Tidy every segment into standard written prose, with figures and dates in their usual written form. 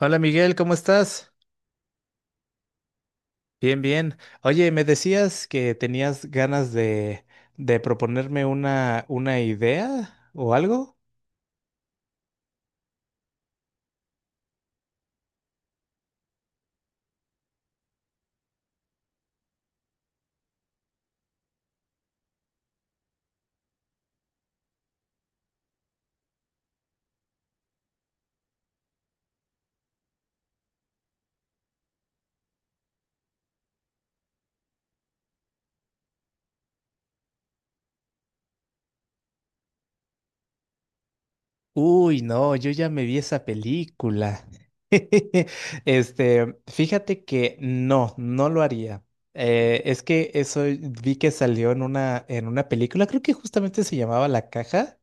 Hola Miguel, ¿cómo estás? Bien, bien. Oye, me decías que tenías ganas de proponerme una idea o algo. Uy, no, yo ya me vi esa película. Este, fíjate que no, no lo haría. Es que eso vi que salió en una película, creo que justamente se llamaba La Caja.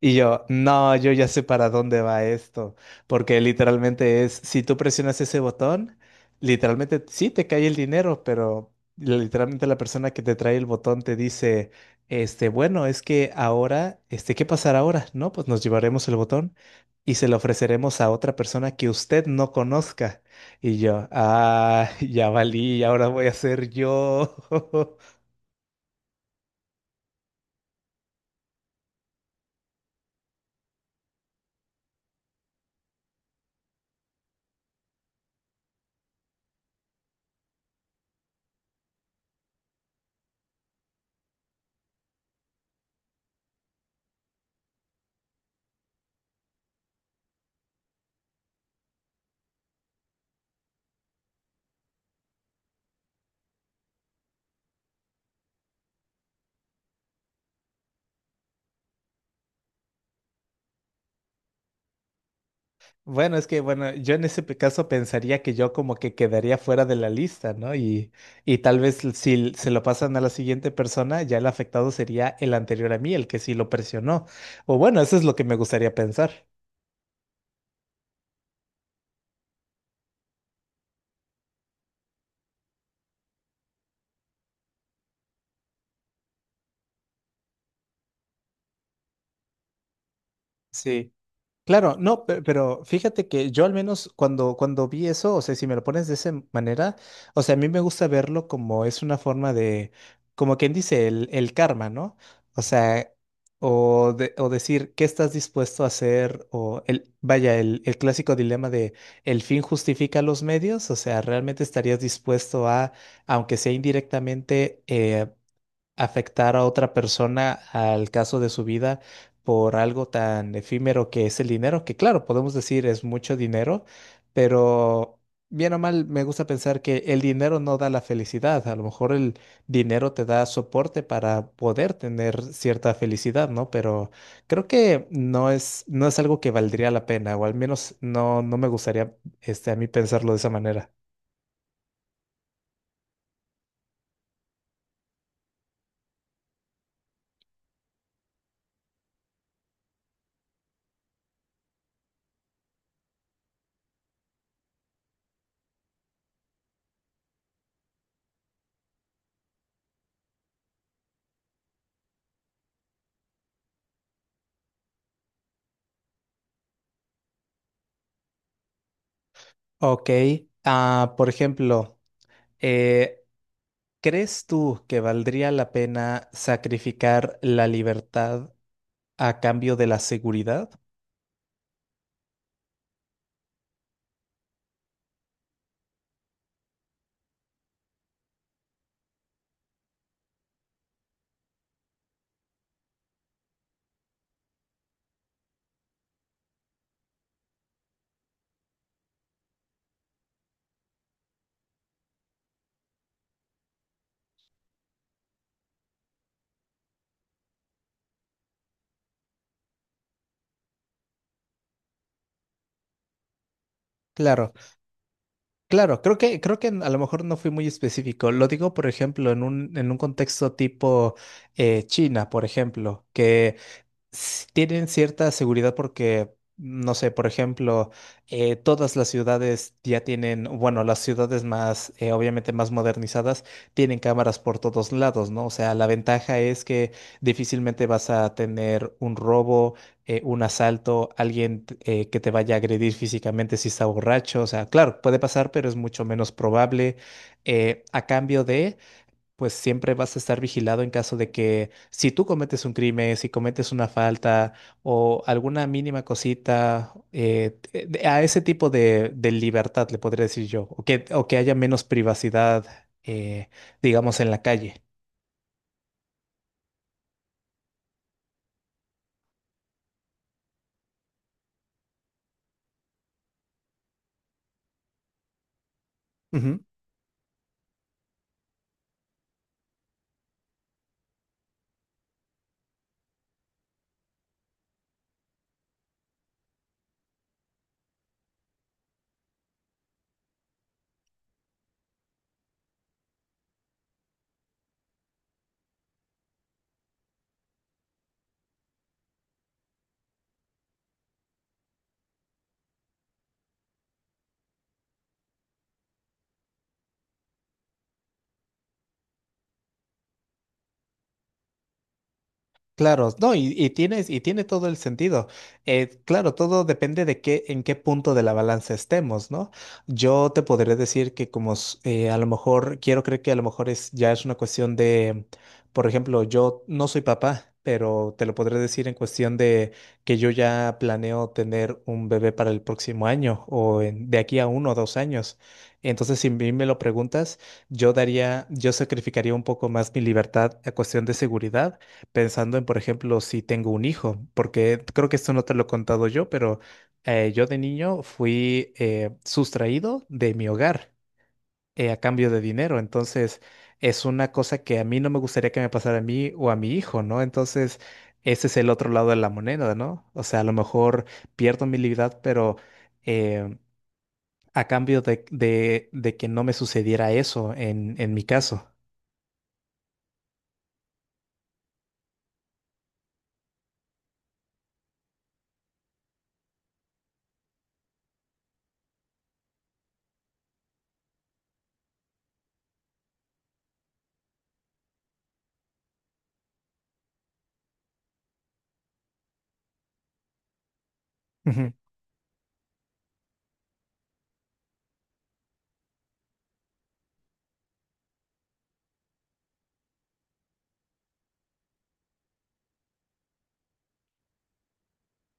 Y yo, no, yo ya sé para dónde va esto, porque literalmente es, si tú presionas ese botón, literalmente sí te cae el dinero, pero literalmente la persona que te trae el botón te dice, este, bueno, es que ahora, este, ¿qué pasará ahora? No, pues nos llevaremos el botón y se lo ofreceremos a otra persona que usted no conozca. Y yo, ah, ya valí, ahora voy a ser yo. Bueno, es que, bueno, yo en ese caso pensaría que yo como que quedaría fuera de la lista, ¿no? Y tal vez si se lo pasan a la siguiente persona, ya el afectado sería el anterior a mí, el que sí lo presionó. O bueno, eso es lo que me gustaría pensar. Sí. Claro, no, pero fíjate que yo al menos cuando vi eso, o sea, si me lo pones de esa manera, o sea, a mí me gusta verlo como es una forma de, como quien dice, el karma, ¿no? O sea, o, o decir, ¿qué estás dispuesto a hacer? O el, vaya, el clásico dilema de, ¿el fin justifica los medios? O sea, ¿realmente estarías dispuesto a, aunque sea indirectamente, afectar a otra persona al caso de su vida por algo tan efímero que es el dinero, que claro, podemos decir es mucho dinero, pero bien o mal me gusta pensar que el dinero no da la felicidad, a lo mejor el dinero te da soporte para poder tener cierta felicidad, ¿no? Pero creo que no es algo que valdría la pena, o al menos no, no me gustaría este, a mí pensarlo de esa manera. Ok, ah, por ejemplo, eh, ¿Crees tú que valdría la pena sacrificar la libertad a cambio de la seguridad? Claro, claro, creo que a lo mejor no fui muy específico. Lo digo, por ejemplo, en un contexto tipo China, por ejemplo, que tienen cierta seguridad porque, no sé, por ejemplo, todas las ciudades ya tienen, bueno, las ciudades más, obviamente más modernizadas, tienen cámaras por todos lados, ¿no? O sea, la ventaja es que difícilmente vas a tener un robo, un asalto, alguien que te vaya a agredir físicamente si está borracho. O sea, claro, puede pasar, pero es mucho menos probable. A cambio de pues siempre vas a estar vigilado en caso de que si tú cometes un crimen, si cometes una falta o alguna mínima cosita, a ese tipo de libertad le podría decir yo, o que haya menos privacidad, eh, digamos, en la calle. Claro, no, y tiene todo el sentido. Claro, todo depende de en qué punto de la balanza estemos, ¿no? Yo te podré decir que como a lo mejor, quiero creer que a lo mejor ya es una cuestión de, por ejemplo, yo no soy papá, pero te lo podré decir en cuestión de que yo ya planeo tener un bebé para el próximo año o de aquí a 1 o 2 años. Entonces, si a mí me lo preguntas, yo sacrificaría un poco más mi libertad a cuestión de seguridad pensando en, por ejemplo, si tengo un hijo, porque creo que esto no te lo he contado yo, pero yo de niño fui sustraído de mi hogar a cambio de dinero, entonces es una cosa que a mí no me gustaría que me pasara a mí o a mi hijo, ¿no? Entonces, ese es el otro lado de la moneda, ¿no? O sea, a lo mejor pierdo mi libertad, pero... eh, a cambio de que no me sucediera eso en mi caso.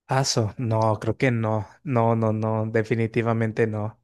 Paso, no, creo que no, no, no, no, definitivamente no.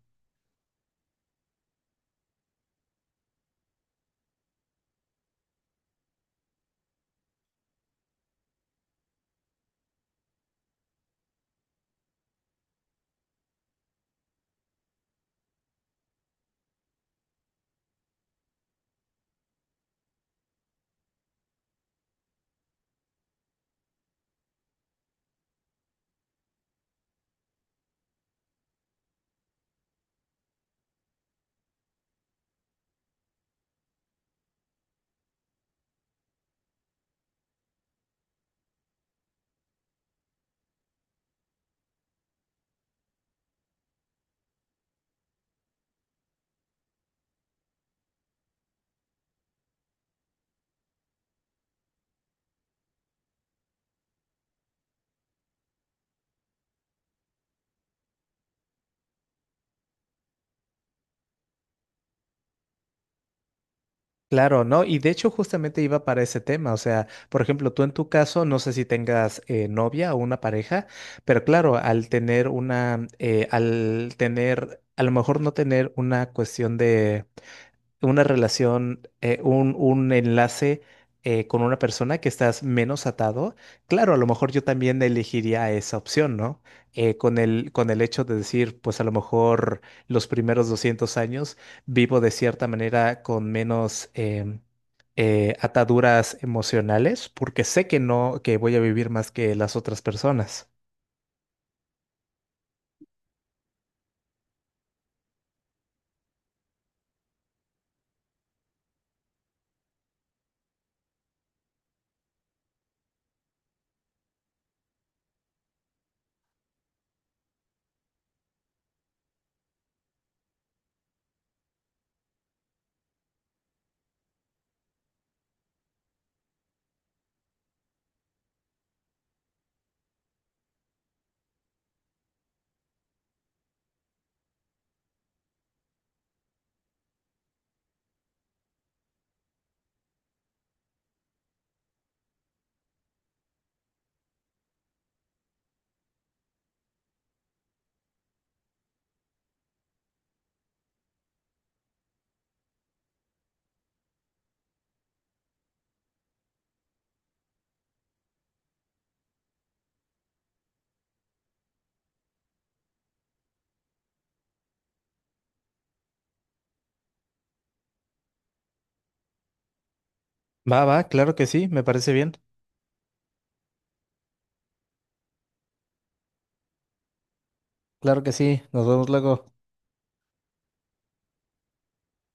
Claro, no, y de hecho justamente iba para ese tema, o sea, por ejemplo, tú en tu caso, no sé si tengas novia o una pareja, pero claro, al tener, a lo mejor no tener una cuestión de una relación, un enlace con una persona que estás menos atado, claro, a lo mejor yo también elegiría esa opción, ¿no? Con el hecho de decir, pues a lo mejor los primeros 200 años vivo de cierta manera con menos ataduras emocionales, porque sé que no, que voy a vivir más que las otras personas. Va, va, claro que sí, me parece bien. Claro que sí, nos vemos luego.